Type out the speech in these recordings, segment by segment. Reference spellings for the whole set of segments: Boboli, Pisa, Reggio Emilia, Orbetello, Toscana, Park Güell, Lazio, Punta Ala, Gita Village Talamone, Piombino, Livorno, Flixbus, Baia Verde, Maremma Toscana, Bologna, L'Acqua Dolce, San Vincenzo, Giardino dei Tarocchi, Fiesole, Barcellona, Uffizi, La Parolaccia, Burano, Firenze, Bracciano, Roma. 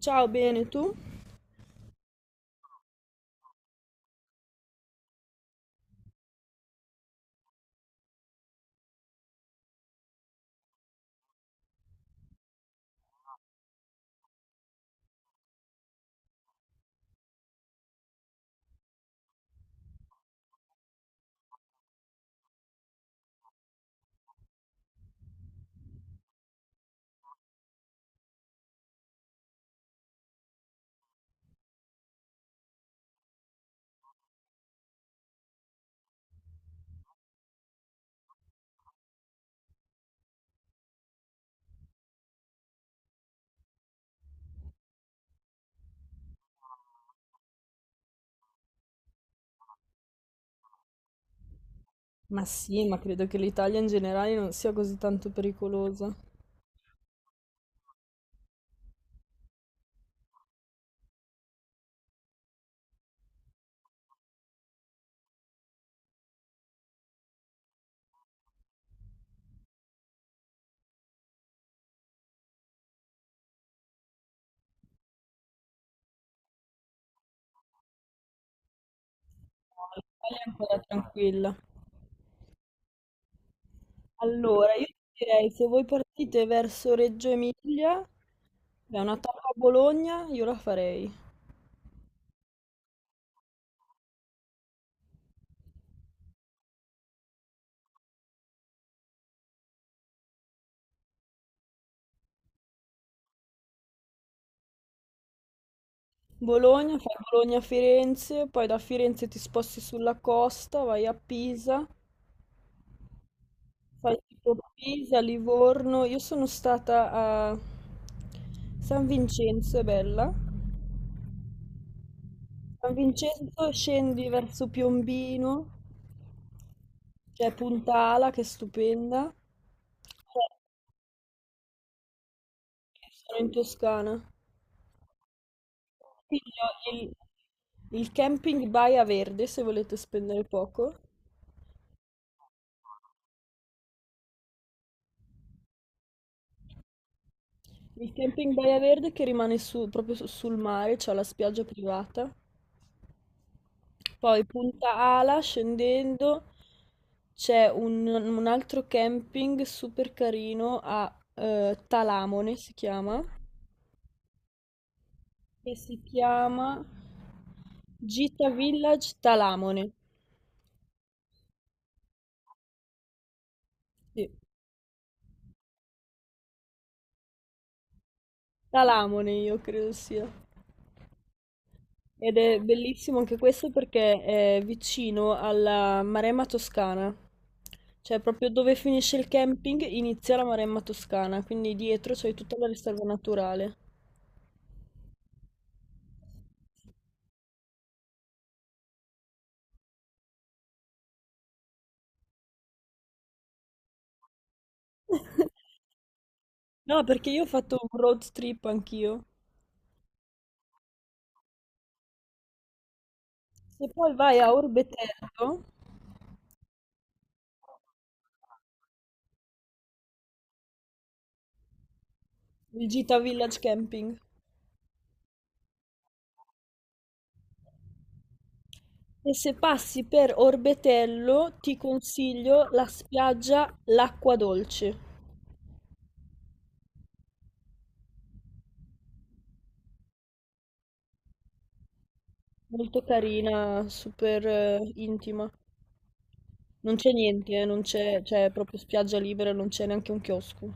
Ciao, bene, tu? Ma sì, ma credo che l'Italia in generale non sia così tanto pericolosa. No, l'Italia è ancora tranquilla. Allora, io direi se voi partite verso Reggio Emilia, è una tappa a Bologna, io la farei. Bologna, fai Bologna-Firenze, poi da Firenze ti sposti sulla costa, vai a Pisa, fai tipo Pisa, Livorno. Io sono stata a San Vincenzo, è bella. San Vincenzo scendi verso Piombino, c'è Punta Ala che è stupenda. Eh, Sono in Toscana. Consiglio Il, il camping Baia Verde, se volete spendere poco. Il camping Baia Verde che rimane su- proprio su- sul mare, c'è la spiaggia privata. Poi Punta Ala, scendendo, c'è un altro camping super carino a Talamone, si chiama. Che si chiama Gita Village Talamone. Sì, Talamone io credo sia. Ed è bellissimo anche questo perché è vicino alla Maremma Toscana. Cioè proprio dove finisce il camping inizia la Maremma Toscana, quindi dietro c'è tutta la riserva naturale. No, perché io ho fatto un road trip anch'io. Se poi vai a Orbetello, il Gita Village Camping. E se passi per Orbetello, ti consiglio la spiaggia L'Acqua Dolce. Molto carina, super intima. Non c'è niente, non c'è, c'è proprio spiaggia libera, non c'è neanche un chiosco.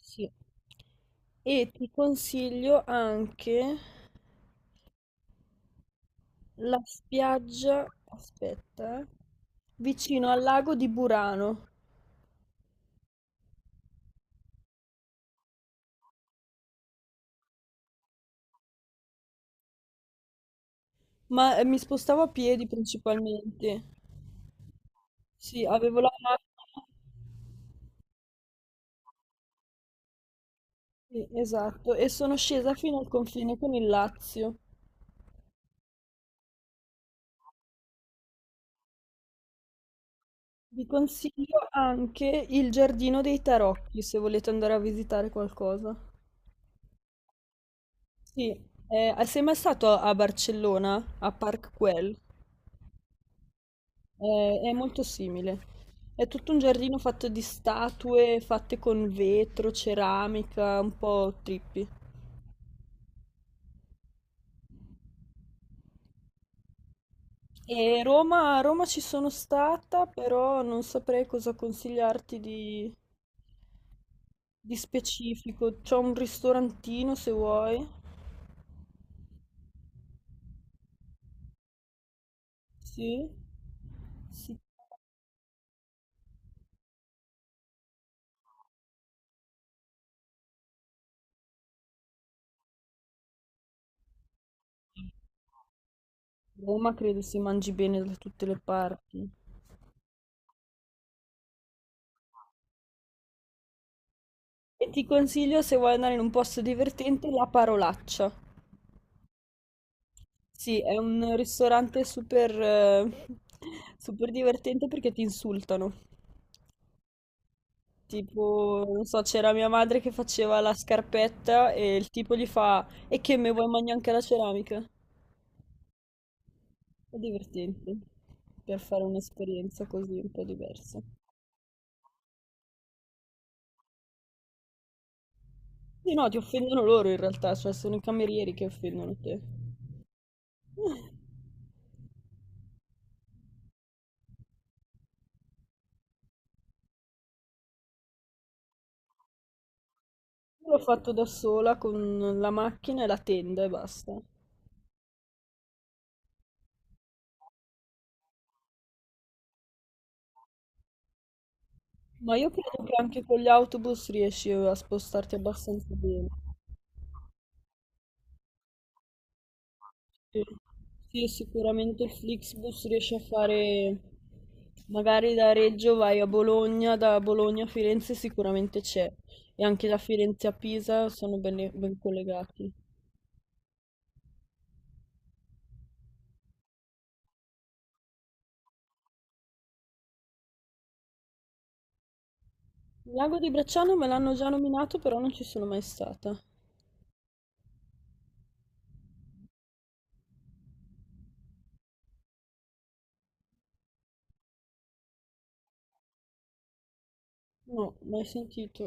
Sì. E ti consiglio anche la spiaggia, aspetta, vicino al lago di Burano. Ma mi spostavo a piedi principalmente. Sì, avevo la macchina. Sì, esatto, e sono scesa fino al confine con il Lazio. Vi consiglio anche il Giardino dei Tarocchi se volete andare a visitare qualcosa. Sì, sei mai stato a Barcellona, a Park Güell? È molto simile. È tutto un giardino fatto di statue fatte con vetro, ceramica, un po' trippi. E Roma, a Roma ci sono stata, però non saprei cosa consigliarti di specifico. C'è un ristorantino se vuoi. Sì. Sì, a Roma credo si mangi bene da tutte le parti. E ti consiglio, se vuoi andare in un posto divertente, La Parolaccia. Sì, è un ristorante super, super divertente perché ti insultano. Tipo, non so, c'era mia madre che faceva la scarpetta e il tipo gli fa: "E che me vuoi mangiare anche la ceramica?" È divertente per fare un'esperienza così un po' diversa. Sì, no, ti offendono loro in realtà, cioè sono i camerieri che offendono te. Io l'ho fatto da sola con la macchina e la tenda e basta. Ma io credo che anche con gli autobus riesci a spostarti abbastanza bene. Sì, sì, sicuramente il Flixbus riesce a fare... Magari da Reggio vai a Bologna, da Bologna a Firenze sicuramente c'è. E anche da Firenze a Pisa sono ben collegati. Il lago di Bracciano me l'hanno già nominato, però non ci sono mai stata. No, mai sentito,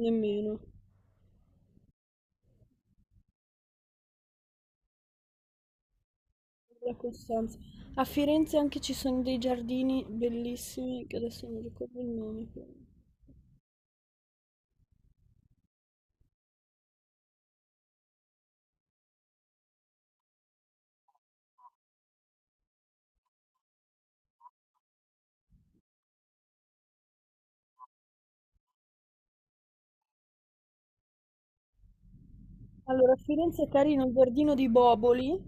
nemmeno. La Costanza. A Firenze anche ci sono dei giardini bellissimi, che adesso non ricordo il nome. Però. Allora, a Firenze è carino il giardino di Boboli.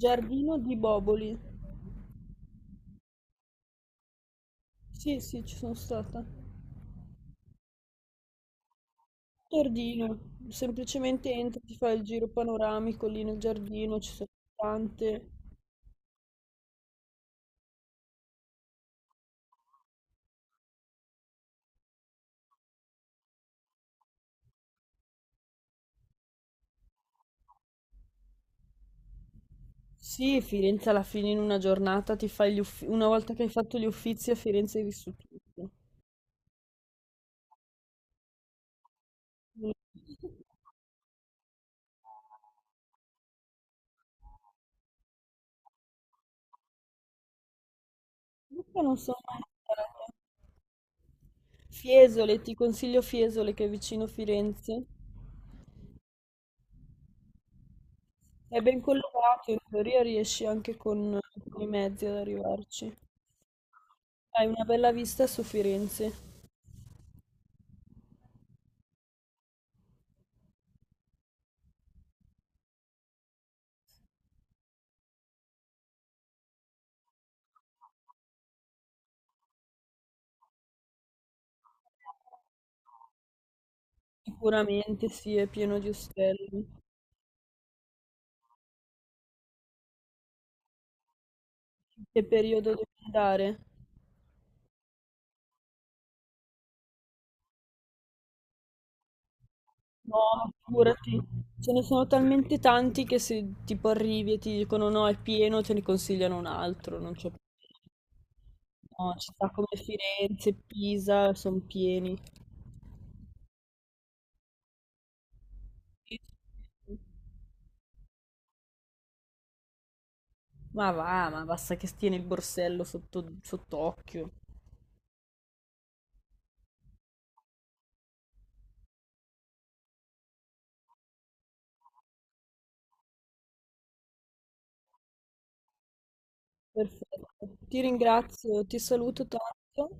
Giardino di Boboli. Sì, sì, ci sono stata. Giardino, semplicemente entri, ti fai il giro panoramico lì nel giardino, ci sono tante. Sì, Firenze alla fine in una giornata ti fai gli uffizi, una volta che hai fatto gli uffizi a Firenze hai vissuto tutto. Mm. Io non sono mai stata. Fiesole, ti consiglio Fiesole che è vicino Firenze. È ben collocato, in teoria riesci anche con i mezzi ad arrivarci. Hai una bella vista su Firenze. Sicuramente sì, è pieno di ostelli. Che periodo devi andare? No, figurati, ce ne sono talmente tanti che se tipo arrivi e ti dicono no, è pieno, te ne consigliano un altro, non c'è no, città come Firenze, Pisa, sono pieni. Sì, sì. Ma va, ma basta che tieni il borsello sotto, sott'occhio. Perfetto. Ti ringrazio, ti saluto tanto.